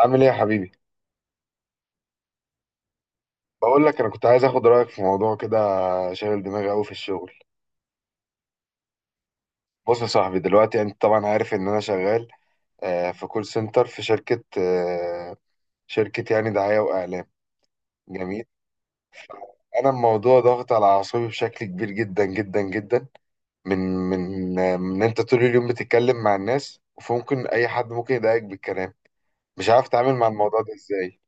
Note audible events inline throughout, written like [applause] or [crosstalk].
عامل ايه يا حبيبي؟ بقول لك انا كنت عايز اخد رايك في موضوع كده. شاغل دماغي قوي في الشغل. بص يا صاحبي، دلوقتي انت طبعا عارف ان انا شغال في كول سنتر، في شركه، شركه يعني دعايه واعلام. جميل. انا الموضوع ضاغط على اعصابي بشكل كبير جدا جدا جدا. من انت طول اليوم بتتكلم مع الناس، فممكن اي حد ممكن يضايقك بالكلام. مش عارف اتعامل مع الموضوع ده ازاي.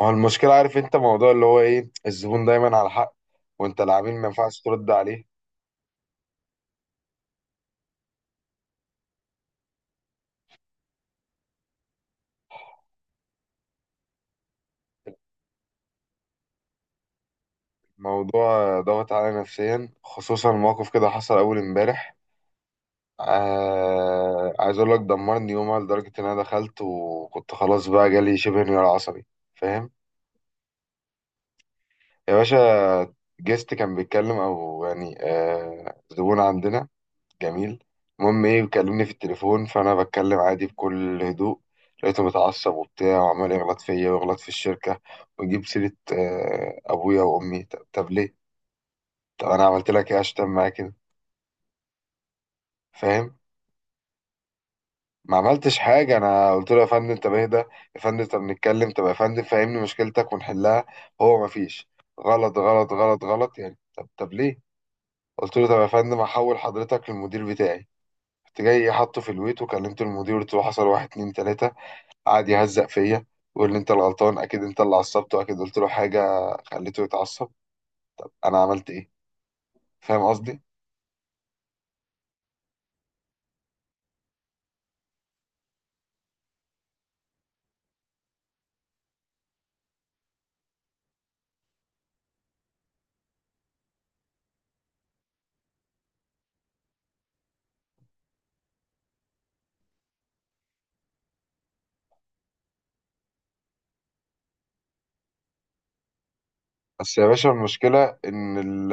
ما هو المشكله، عارف انت موضوع اللي هو ايه، الزبون دايما على حق، وانت العميل ما ينفعش ترد عليه. موضوع ضغط عليا نفسيا، خصوصا موقف كده حصل اول امبارح. آه عايز اقول لك دمرني يومها، لدرجه ان انا دخلت وكنت خلاص بقى جالي شبه انهيار عصبي. فاهم؟ يا باشا، جيست كان بيتكلم او يعني آه زبون عندنا. جميل. المهم ايه، بيكلمني في التليفون، فانا بتكلم عادي بكل هدوء. لقيته متعصب وبتاع، وعمال يغلط فيا ويغلط في الشركه، ويجيب سيره آه ابويا وامي. طب ليه؟ طب انا عملت لك ايه عشان تعمل معايا كده؟ فاهم؟ ما عملتش حاجة، أنا قلت له يا فندم طب اهدى، يا فندم طب نتكلم، طب يا فندم فهمني مشكلتك ونحلها. هو ما فيش، غلط غلط غلط غلط يعني. طب ليه؟ قلت له طب يا فندم هحول حضرتك للمدير بتاعي. رحت جاي حاطه في الويت وكلمت المدير، قلت له حصل واحد اتنين تلاتة. قعد يهزق فيا، ويقول لي أنت الغلطان، أكيد أنت اللي عصبته، أكيد قلت له حاجة خليته يتعصب. أنا عملت إيه؟ فاهم قصدي؟ بس يا باشا، المشكلة إن ال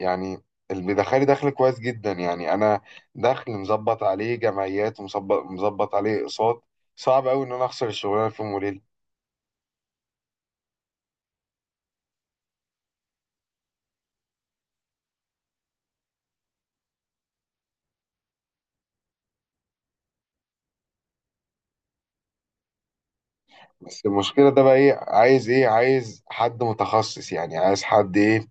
يعني اللي دخل كويس جدا، يعني انا دخل مظبط عليه جمعيات، ومظبط عليه اقساط. صعب قوي ان انا اخسر الشغلانه في يوم وليله. بس المشكله ده بقى ايه، عايز ايه؟ عايز حد متخصص، يعني عايز حد ايه،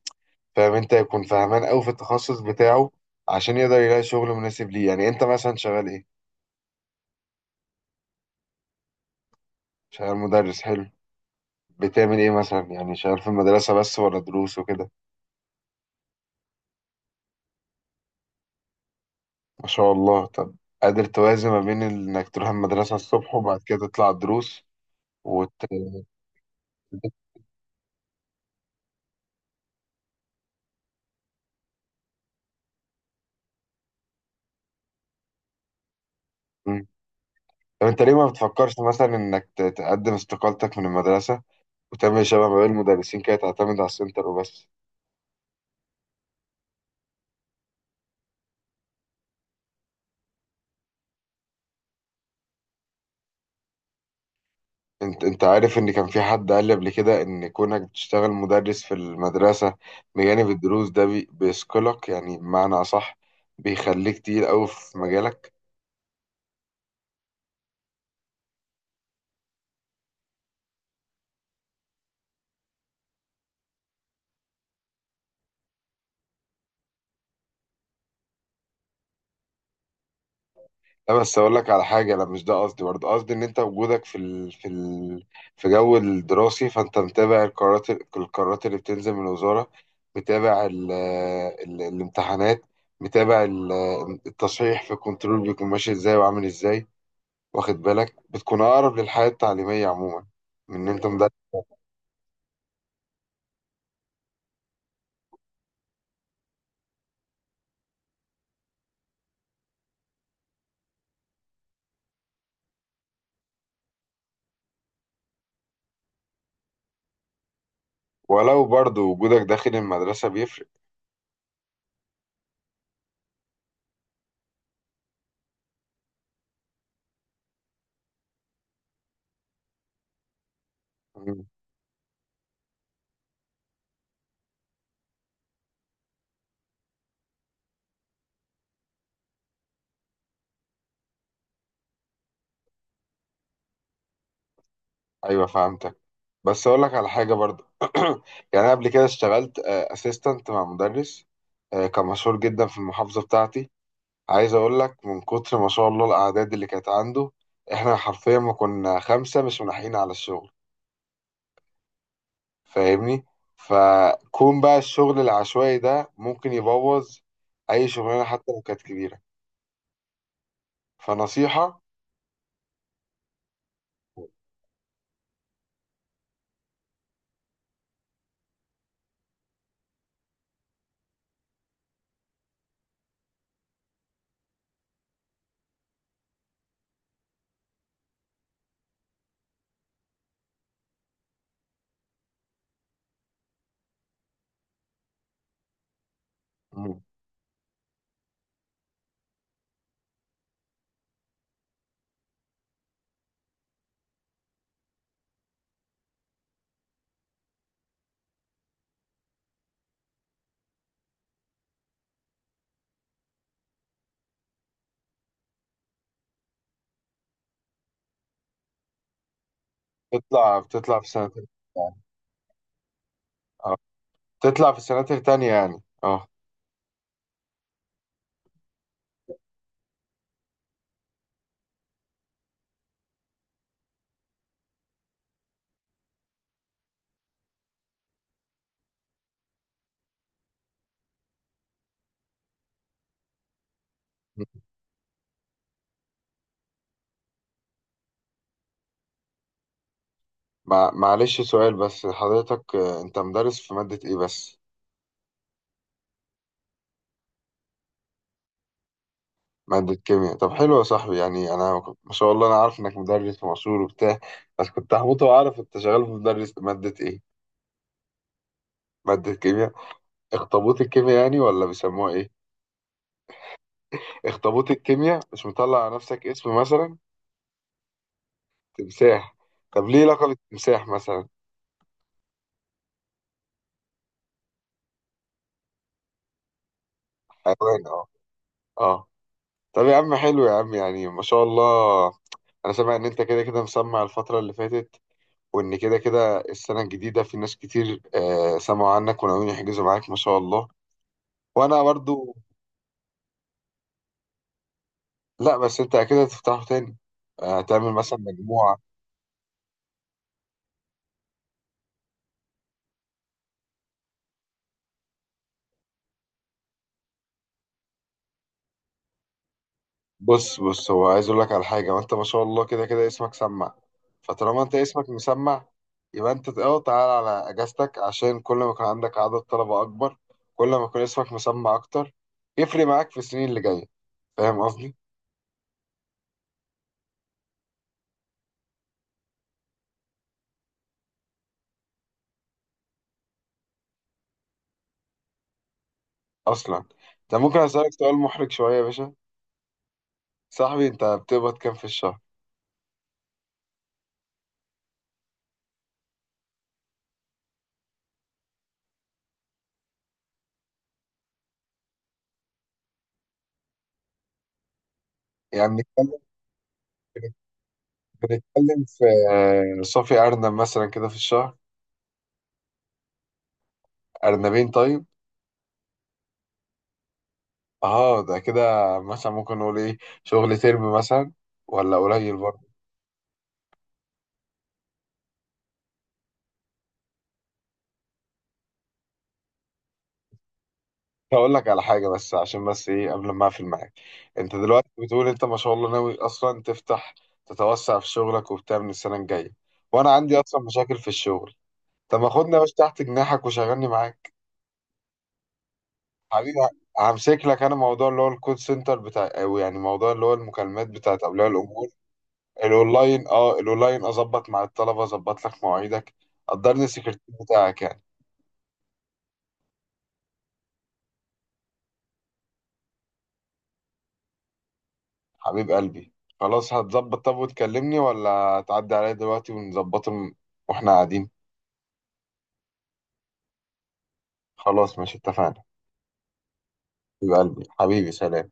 فاهم انت، يكون فاهمان قوي في التخصص بتاعه، عشان يقدر يلاقي شغل مناسب ليه. يعني انت مثلا شغال ايه؟ شغال مدرس، حلو. بتعمل ايه مثلا؟ يعني شغال في المدرسه بس، ولا دروس وكده؟ ما شاء الله. طب، قادر توازن ما بين انك تروح المدرسه الصبح وبعد كده تطلع الدروس وت... مم. طب انت ليه ما بتفكرش مثلا انك تقدم استقالتك من المدرسة، وتعمل شبه ما بين المدرسين كده، تعتمد على السنتر وبس؟ انت عارف ان كان في حد قال لي قبل كده، ان كونك بتشتغل مدرس في المدرسة بجانب الدروس ده بيثقلك، يعني بمعنى اصح بيخليك تقيل قوي في مجالك. لا بس اقول لك على حاجه، لا مش ده قصدي، برضه قصدي ان انت وجودك في جو الدراسي، فانت متابع القرارات، القرارات اللي بتنزل من الوزاره، متابع الامتحانات، متابع التصحيح في الكنترول بيكون ماشي ازاي وعامل ازاي. واخد بالك، بتكون اقرب للحياه التعليميه عموما من ان انت مدرس. ولو برضه وجودك داخل المدرسه بيفرق. ايوه فهمتك. بس اقول لك على حاجه برضو. [clears throat] يعني انا قبل كده اشتغلت اسيستنت مع مدرس كان مشهور جدا في المحافظه بتاعتي. عايز اقول لك، من كتر ما شاء الله الاعداد اللي كانت عنده، احنا حرفيا ما كنا خمسه مش ملاحقين على الشغل. فاهمني؟ فكون بقى الشغل العشوائي ده ممكن يبوظ اي شغلانه حتى لو كانت كبيره. فنصيحه. مم. بتطلع في سنه تانية. اه، بتطلع في سنه تانية يعني، اه. معلش سؤال بس حضرتك، انت مدرس في مادة ايه بس؟ مادة كيمياء. طب حلو يا صاحبي، يعني انا ما شاء الله انا عارف انك مدرس ومشهور وبتاع، بس كنت هموت واعرف انت شغال في مدرس مادة ايه. مادة كيمياء، اخطبوط الكيمياء يعني ولا بيسموها ايه؟ اخطبوط الكيمياء، مش مطلع على نفسك اسم مثلا؟ تمساح. طب ليه لقب التمساح مثلا؟ حيوان، اه. اه. طب يا عم حلو يا عم، يعني ما شاء الله. انا سامع ان انت كده كده مسمع الفترة اللي فاتت، وان كده كده السنه الجديده في ناس كتير آه سمعوا عنك وناويين يحجزوا معاك، ما شاء الله. وانا برضو، لا بس انت اكيد هتفتحه تاني، آه تعمل مثلا مجموعه. بص بص، هو عايز اقول لك على حاجه، وانت ما شاء الله كده كده اسمك سمع. فطالما انت اسمك مسمع، يبقى انت اه تعال على اجازتك، عشان كل ما يكون عندك عدد طلبه اكبر، كل ما يكون اسمك مسمع اكتر، يفرق معاك في السنين اللي جايه. فاهم قصدي؟ اصلا انت ممكن اسالك سؤال محرج شويه يا باشا؟ صاحبي انت بتقبض كام في الشهر؟ يعني بنتكلم في صافي أرنب مثلا كده في الشهر؟ أرنبين طيب؟ اه ده كده، مثلا ممكن نقول ايه، شغل ترم مثلا، ولا قليل برضه؟ هقول لك على حاجة بس، عشان بس ايه قبل ما اقفل معاك. انت دلوقتي بتقول انت ما شاء الله ناوي اصلا تفتح، تتوسع في شغلك وبتاع من السنة الجاية، وانا عندي اصلا مشاكل في الشغل. طب ما خدني يا باشا تحت جناحك وشغلني معاك. حبيبي، همسك لك انا موضوع اللي هو الكول سنتر بتاع، او يعني موضوع اللي هو المكالمات بتاعت اولياء الامور. الاونلاين، اه الاونلاين، اظبط مع الطلبه، اظبط لك مواعيدك، قدرني السكرتير بتاعك يعني. حبيب قلبي، خلاص هتظبط؟ طب وتكلمني ولا تعدي عليا دلوقتي ونظبطه واحنا قاعدين؟ خلاص ماشي، اتفقنا. حبيب قلبي، حبيبي سلام.